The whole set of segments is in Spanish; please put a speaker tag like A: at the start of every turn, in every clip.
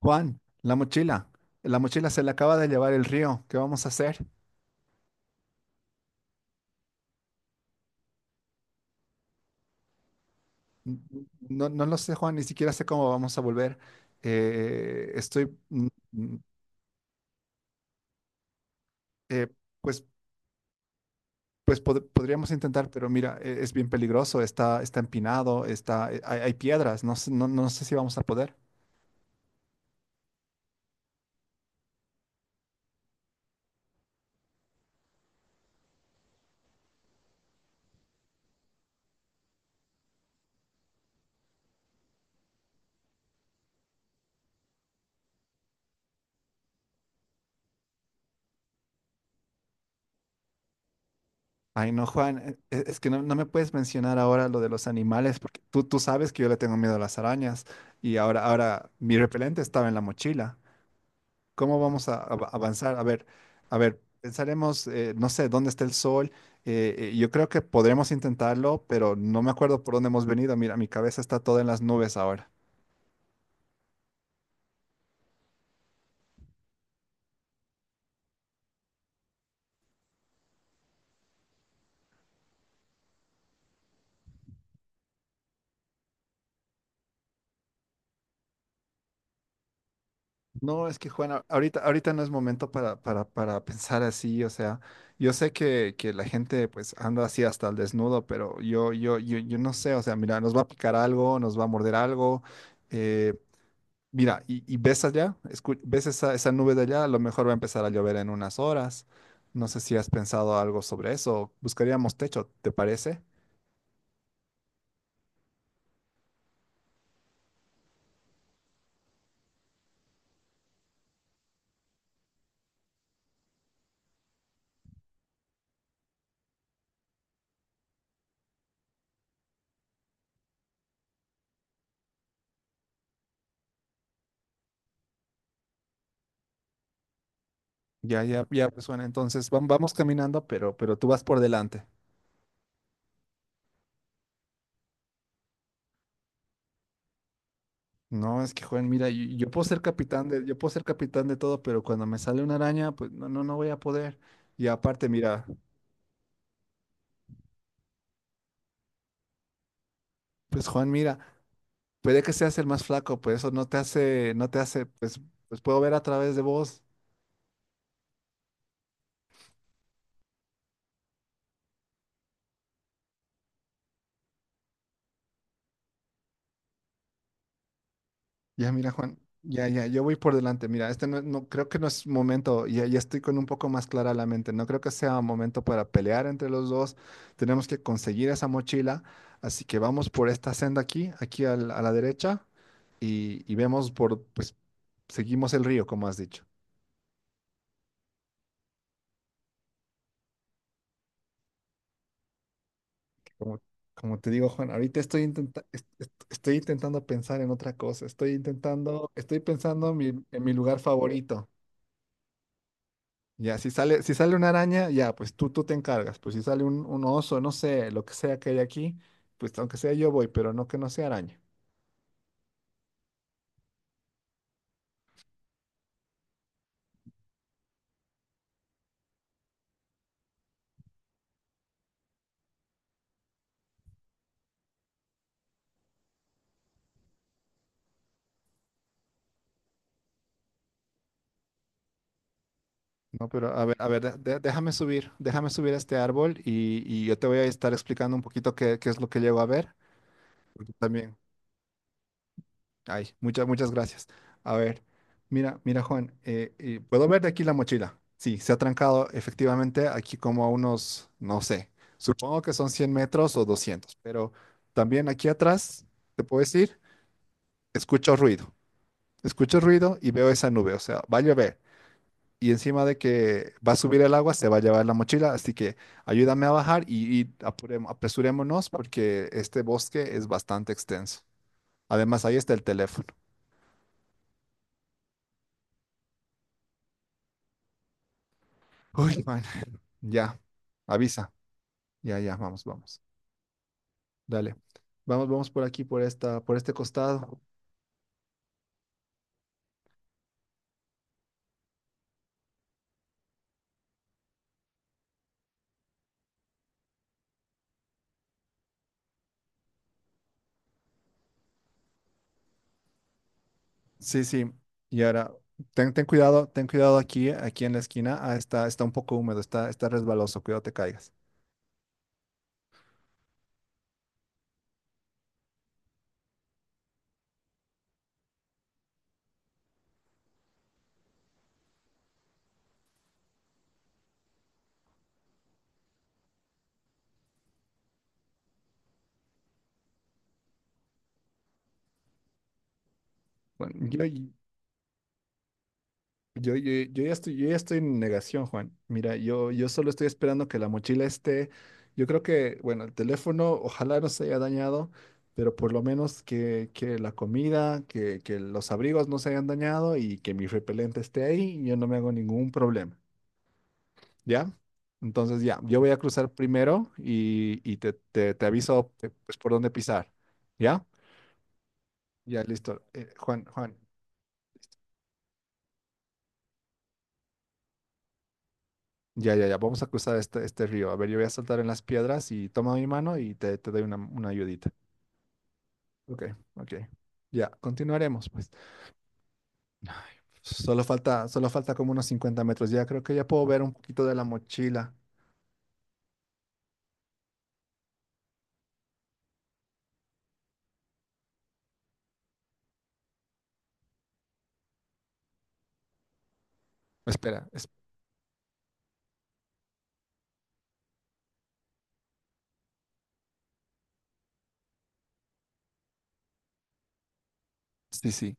A: Juan, la mochila. La mochila se la acaba de llevar el río. ¿Qué vamos a hacer? N- No, no lo sé, Juan, ni siquiera sé cómo vamos a volver. Eh, estoy, mm, mm, eh, pues, podríamos intentar, pero mira, es bien peligroso, está, está empinado, está, hay, hay piedras, no, no, no sé si vamos a poder. Ay, no, Juan, es que no, no me puedes mencionar ahora lo de los animales, porque tú sabes que yo le tengo miedo a las arañas y ahora, ahora mi repelente estaba en la mochila. ¿Cómo vamos a avanzar? A ver, pensaremos, no sé, dónde está el sol. Yo creo que podremos intentarlo, pero no me acuerdo por dónde hemos venido. Mira, mi cabeza está toda en las nubes ahora. No, es que Juana, ahorita, ahorita no es momento para pensar así, o sea, yo sé que la gente pues anda así hasta el desnudo, pero yo no sé, o sea, mira, nos va a picar algo, nos va a morder algo, eh, Mira, y ves allá, ves esa, esa nube de allá, a lo mejor va a empezar a llover en unas horas. No sé si has pensado algo sobre eso. Buscaríamos techo, ¿te parece? Ya, ya, ya, pues bueno, entonces vamos caminando, pero tú vas por delante. No, es que Juan, mira, yo puedo ser capitán de, yo puedo ser capitán de todo, pero cuando me sale una araña, pues no, no, no voy a poder. Y aparte, mira, pues Juan, mira, puede que seas el más flaco, pues eso no te hace, no te hace, pues, pues puedo ver a través de vos. Ya, mira, Juan, ya, ya, yo voy por delante. Mira, este no, creo que no es momento, ya, ya estoy con un poco más clara la mente. No creo que sea momento para pelear entre los dos. Tenemos que conseguir esa mochila. Así que vamos por esta senda aquí, aquí a la derecha, y vemos por, pues, seguimos el río, como has dicho. Como, como te digo, Juan, ahorita estoy estoy intentando pensar en otra cosa. Estoy intentando, estoy pensando en mi lugar favorito. Ya, si sale, si sale una araña, ya, pues tú te encargas. Pues si sale un oso, no sé, lo que sea que hay aquí, pues aunque sea yo voy, pero no que no sea araña. No, pero a ver, déjame subir a este árbol y yo te voy a estar explicando un poquito qué, qué es lo que llego a ver. Porque también, ay, muchas, muchas gracias. A ver, mira, mira, Juan, ¿puedo ver de aquí la mochila? Sí, se ha trancado efectivamente aquí como a unos, no sé, supongo que son 100 metros o 200, pero también aquí atrás, ¿te puedo decir? Escucho ruido, escucho ruido y veo esa nube, o sea, va a llover. Y encima de que va a subir el agua, se va a llevar la mochila, así que ayúdame a bajar y apresurémonos porque este bosque es bastante extenso. Además, ahí está el teléfono. Uy, man, ya, avisa. Ya, ya, vamos, vamos. Dale. Vamos, vamos por aquí, por esta, por este costado. Sí, sí. Y ahora, ten, ten cuidado aquí, aquí en la esquina. Ah, está, está un poco húmedo, está, está resbaloso, cuidado te caigas. Bueno, yo, yo, yo ya estoy en negación, Juan. Mira, yo solo estoy esperando que la mochila esté. Yo creo que, bueno, el teléfono ojalá no se haya dañado, pero por lo menos que la comida, que los abrigos no se hayan dañado y que mi repelente esté ahí, yo no me hago ningún problema. ¿Ya? Entonces ya, yo voy a cruzar primero y te aviso pues, por dónde pisar. ¿Ya? Ya, listo. Juan, Juan. Ya, ya, ya, vamos a cruzar este, este río. A ver, yo voy a saltar en las piedras y toma mi mano y te doy una ayudita. Ok, ok. Ya, continuaremos, pues. Ay, solo falta como unos 50 metros. Ya creo que ya puedo ver un poquito de la mochila. Espera, es- sí, sí.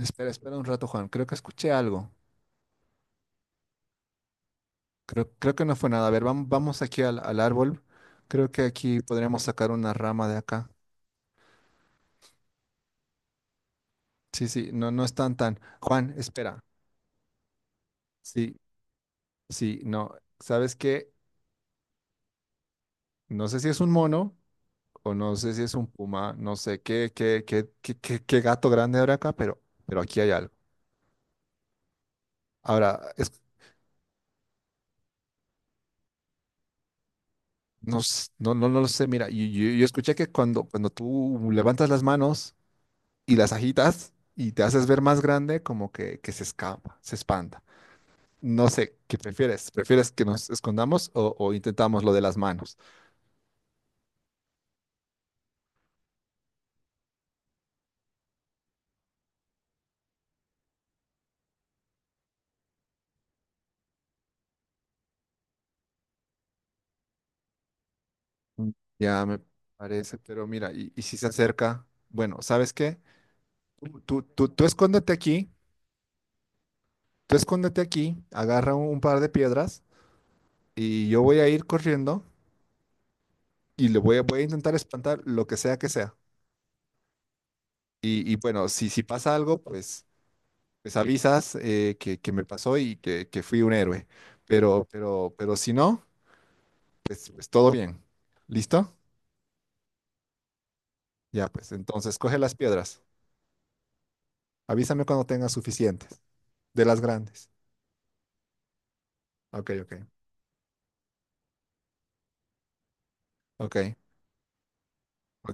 A: Espera, espera un rato, Juan. Creo que escuché algo. Creo, creo que no fue nada. A ver, vamos, vamos aquí al, al árbol. Creo que aquí podríamos sacar una rama de acá. Sí, sí, no, no están tan. Juan, espera. Sí, sí, no. ¿Sabes qué? No sé si es un mono o no sé si es un puma, no sé qué, qué, qué, qué, qué, qué gato grande habrá acá, pero aquí hay algo. Ahora, es, no, no, no, no lo sé, mira, yo, yo escuché que cuando, cuando tú levantas las manos y las agitas y te haces ver más grande, como que se escapa, se espanta. No sé, ¿qué prefieres? ¿Prefieres que nos escondamos o intentamos lo de las manos? Mm. Ya me parece, pero mira, y si se acerca, bueno, ¿sabes qué? Tú escóndete aquí. Tú escóndete aquí, agarra un, par de piedras y yo voy a ir corriendo y le voy a, voy a intentar espantar lo que sea que sea. Y bueno, si, si pasa algo, pues, pues avisas que me pasó y que fui un héroe. Pero si no, pues, pues todo bien. ¿Listo? Ya, pues entonces coge las piedras. Avísame cuando tengas suficientes, de las grandes. Ok, ok, ok. o-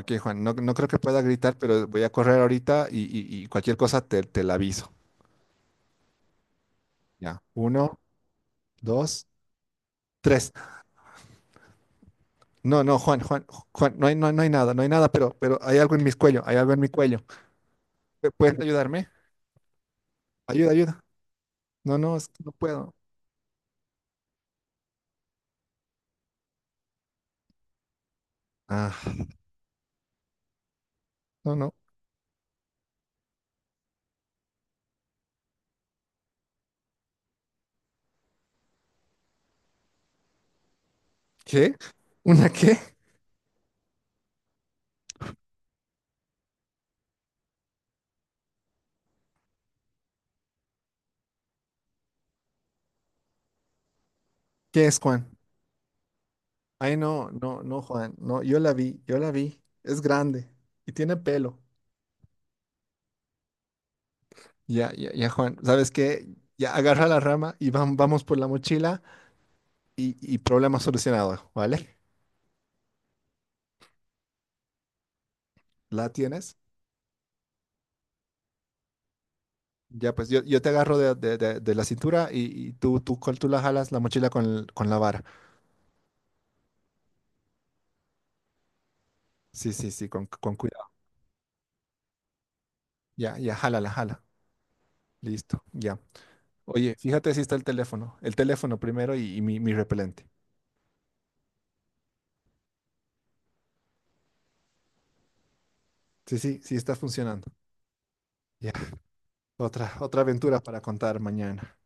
A: Ok, Juan, no, no creo que pueda gritar, pero voy a correr ahorita y, y cualquier cosa te, te la aviso. Ya, uno, dos, tres. No, no, Juan, Juan, Juan, no hay, no, hay no hay nada, no hay nada, pero hay algo en mi cuello, hay algo en mi cuello. ¿Puedes ayudarme? Ayuda, ayuda. No, no, es que no puedo. Ah, no, no. ¿Qué? ¿Una qué? ¿Qué es, Juan? Ay, no, no, no, Juan, no, yo la vi, yo la vi. Es grande y tiene pelo. Ya, ya, ya, Juan, ¿sabes qué? Ya agarra la rama y vamos por la mochila y problema solucionado, ¿vale? ¿La tienes? Ya, pues yo te agarro de, de la cintura y tú, tú la jalas la mochila con, con la vara. Sí, sí, sí, con cuidado. Ya, ya, jala, la jala. Listo, ya. Oye, fíjate si está el teléfono. El teléfono primero y mi repelente. Sí, sí, sí está funcionando. Ya, otra, otra aventura para contar mañana.